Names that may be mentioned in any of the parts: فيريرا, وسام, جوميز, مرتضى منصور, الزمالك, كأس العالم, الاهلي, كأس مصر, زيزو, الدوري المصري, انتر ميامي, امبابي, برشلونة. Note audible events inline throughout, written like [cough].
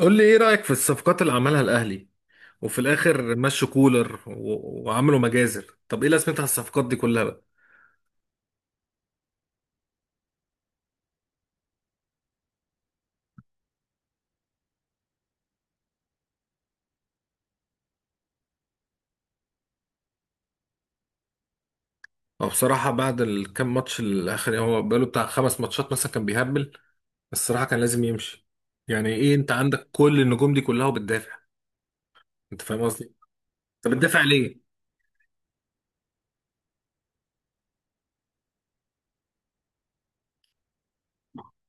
قول لي ايه رأيك في الصفقات اللي عملها الاهلي، وفي الاخر مشوا كولر وعملوا مجازر. طب ايه لازمتها الصفقات دي كلها بقى؟ هو بصراحة بعد الكام ماتش الاخر، يعني هو بقاله بتاع خمس ماتشات مثلا كان بيهبل. الصراحة كان لازم يمشي. يعني ايه انت عندك كل النجوم دي كلها وبتدافع؟ انت فاهم قصدي. طب بتدافع ليه؟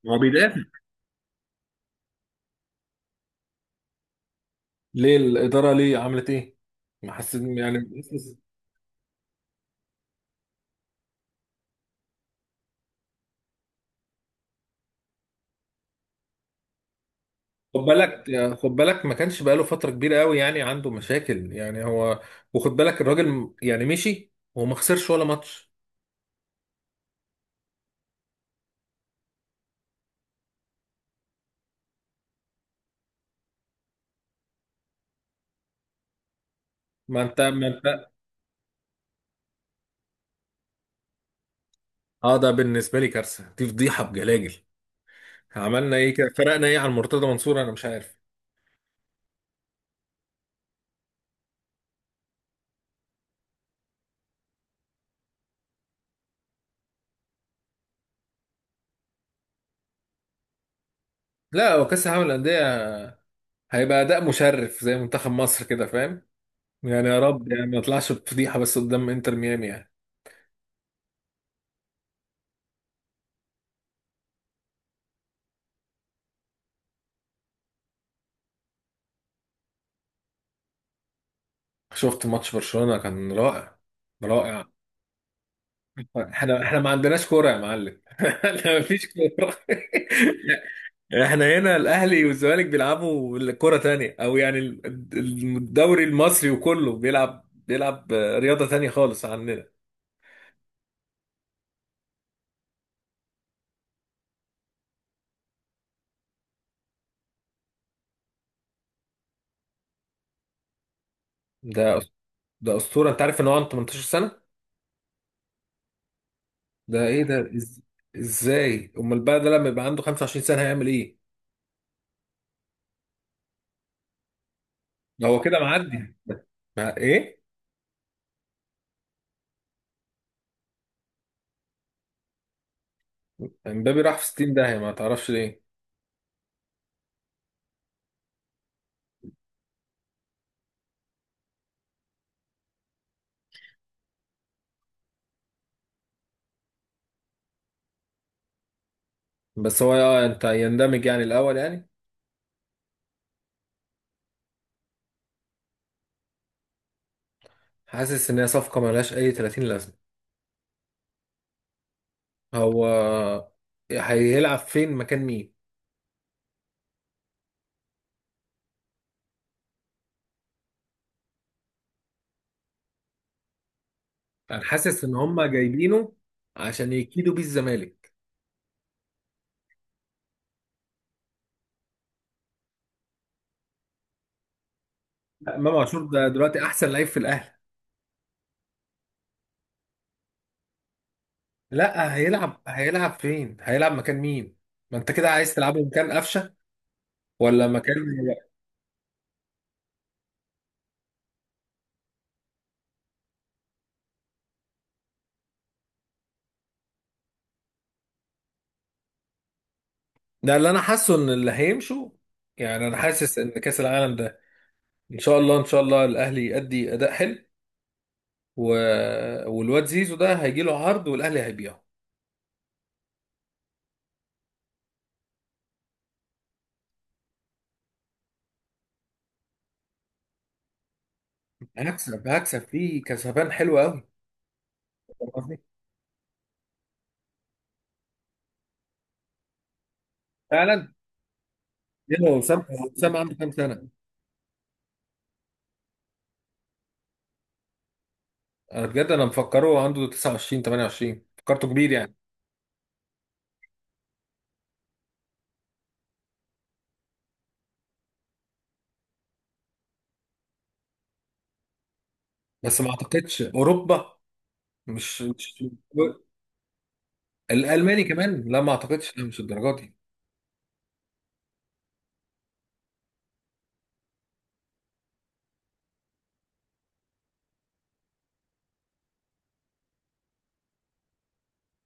هو بيدافع ليه؟ الإدارة ليه عملت ايه؟ ما حسيت يعني. خد بالك، خد بالك ما كانش بقاله فترة كبيرة قوي يعني عنده مشاكل يعني هو. وخد بالك الراجل يعني مشي وما خسرش ولا ماتش. ما انت. اه ده بالنسبة لي كارثة، دي فضيحة بجلاجل. عملنا ايه كده؟ فرقنا ايه عن مرتضى منصور؟ انا مش عارف. لا، هو كاس العالم للأندية هيبقى أداء مشرف زي منتخب مصر، كده فاهم. يعني يا رب يعني ما يطلعش بفضيحة بس قدام انتر ميامي يعني. شفت ماتش برشلونة، كان رائع، رائع. احنا ما عندناش كوره يا معلم. [laughs] احنا ما فيش كوره. [laughs] احنا هنا الاهلي والزمالك بيلعبوا كوره تانية، او يعني الدوري المصري، وكله بيلعب رياضه تانية خالص عننا. ده أس- ده اسطوره، انت عارف ان هو عنده 18 سنه؟ ده ايه ده ازاي امال بقى ده لما يبقى عنده 25 سنه هيعمل ايه؟ ده هو كده معدي. مع ايه؟ امبابي راح في 60 داهيه، ما تعرفش ليه؟ بس هو، انت يندمج يعني الاول يعني. حاسس ان هي صفقه ملهاش اي 30 لازمه. هو هيلعب فين، مكان مين؟ انا حاسس ان هم جايبينه عشان يكيدوا بيه الزمالك. لا، امام عاشور ده دلوقتي احسن لعيب في الاهلي. لا، هيلعب فين؟ هيلعب مكان مين؟ ما انت كده عايز تلعبه مكان قفشه ولا مكان. ده اللي انا حاسه، ان اللي هيمشوا، يعني انا حاسس ان كاس العالم ده ان شاء الله، ان شاء الله الاهلي يؤدي اداء حلو و... والواد زيزو ده هيجي له عرض والاهلي هيبيعه. هكسب فيه كسبان حلو قوي. فاهم قصدي؟ فعلا. يلا، هو وسام عنده كام سنة؟ أنا بجد أنا مفكره عنده 29، 28، فكرته كبير يعني. بس ما أعتقدش أوروبا. مش الألماني كمان، لا ما أعتقدش، لا مش الدرجات دي.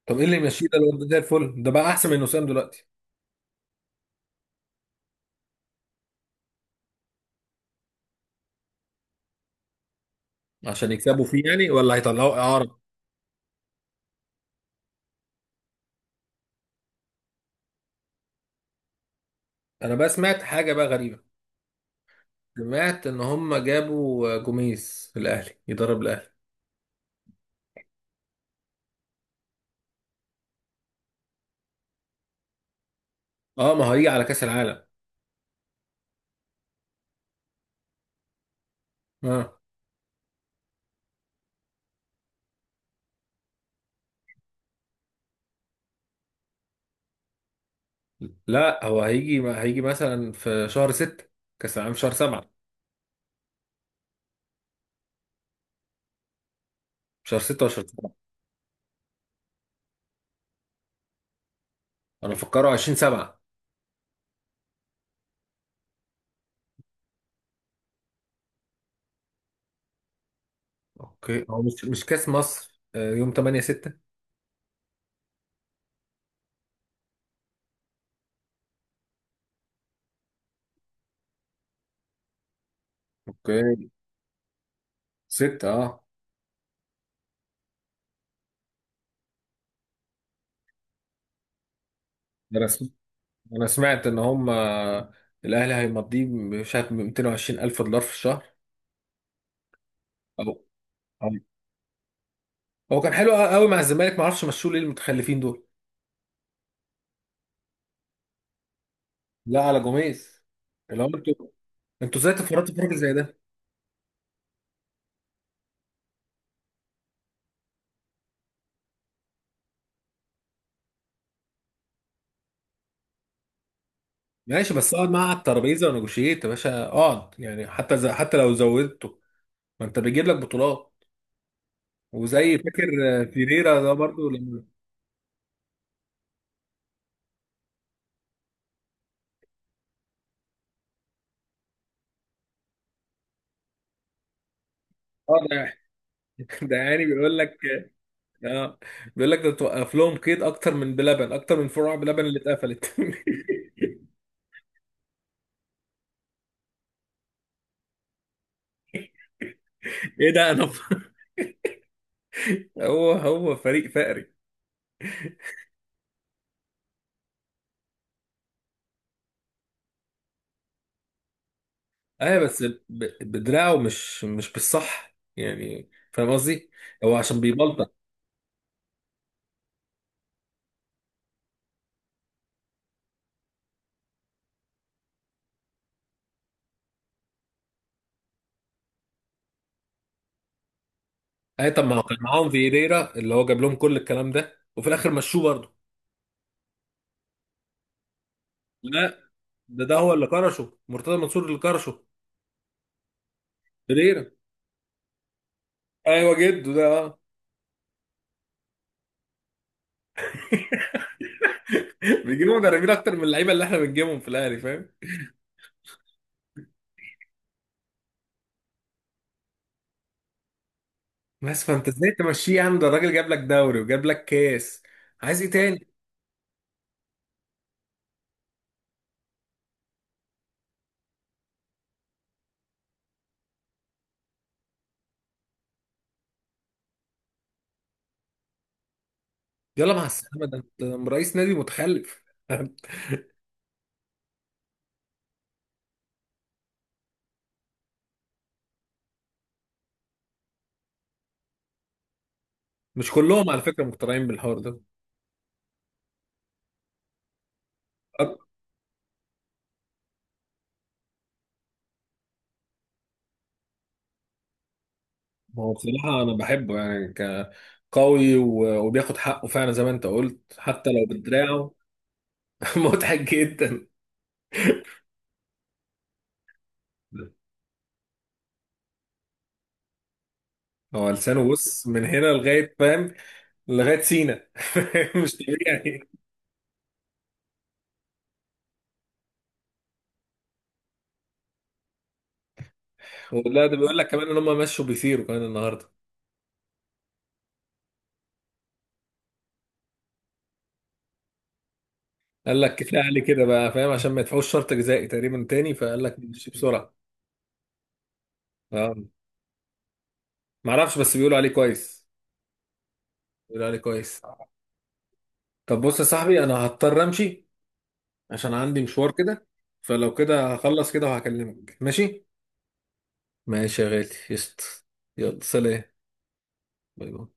طب إيه اللي يمشيه ده؟ الواد ده زي الفل ده، بقى أحسن من وسام دلوقتي. عشان يكسبوا فيه يعني ولا هيطلعوا إعارة؟ أنا بقى سمعت حاجة بقى غريبة. سمعت إن هم جابوا جوميز الأهلي يدرب الأهلي. أه ما هو هيجي على كأس العالم. أه، لا هو هيجي مثلا في شهر 6، كأس العالم في شهر 7. شهر 16 طبعا. انا مفكره 20 7. اوكي، هو مش كاس مصر، يوم 8 6؟ اوكي. 6، اه. ده انا سمعت ان هم، الاهلي هيمضيه مش عارف 220 الف دولار في الشهر. او أو- هو كان حلو قوي مع الزمالك، ما اعرفش مشوه ليه المتخلفين دول. لا على جوميز، اللي هو انتوا ازاي تفرطوا في راجل زي ده؟ ماشي، بس اقعد معاه على الترابيزه ونجوشيت يا باشا، اقعد يعني، حتى حتى لو زودته. ما انت بيجيب لك بطولات، وزي فاكر. فيريرا ده برضو لما، اه ده [laughs] ده يعني بيقول لك، اه بيقول لك ده توقف لهم قيد اكتر من بلبن، اكتر من فروع بلبن اللي اتقفلت. [laughs] ايه ده؟ [laughs] هو فريق فقري. اه بس بدراعه، مش بالصح، يعني فاهم قصدي. هو عشان بيبلطج. اه طب ما هو كان معاهم فيريرا اللي هو جاب لهم كل الكلام ده، وفي الاخر مشوه برضه. لا، ده هو اللي كرشه، مرتضى منصور اللي كرشه. فيريرا، ايوه جده ده، اه. [laughs] بيجيبوا مدربين اكتر من اللعيبه اللي احنا بنجيبهم في الاهلي، فاهم. بس فانت ازاي تمشيه يا عم؟ ده الراجل جاب لك دوري وجاب لك كاس، عايز ايه تاني؟ يلا مع السلامه، ده انت رئيس نادي متخلف. [laughs] مش كلهم على فكره مقتنعين بالحوار ده. ما هو بصراحه انا بحبه يعني، كقوي وبياخد حقه فعلا زي ما انت قلت، حتى لو بدراعه. [laughs] مضحك جدا. هو لسانه، بص، من هنا لغايه فاهم، لغايه سينا. [laughs] مش طبيعي. ولا ده بيقول لك كمان ان هم مشوا بيثيروا كمان النهارده. قال لك كفايه عليه كده بقى، فاهم، عشان ما يدفعوش شرط جزائي تقريبا تاني، فقال لك مشي [laughs] بسرعه. اه، ما اعرفش، بس بيقولوا عليه كويس، بيقولوا عليه كويس. طب بص يا صاحبي، انا هضطر امشي عشان عندي مشوار كده. فلو كده هخلص كده وهكلمك، ماشي؟ ماشي يا غالي، قشطة. يلا سلام، باي باي.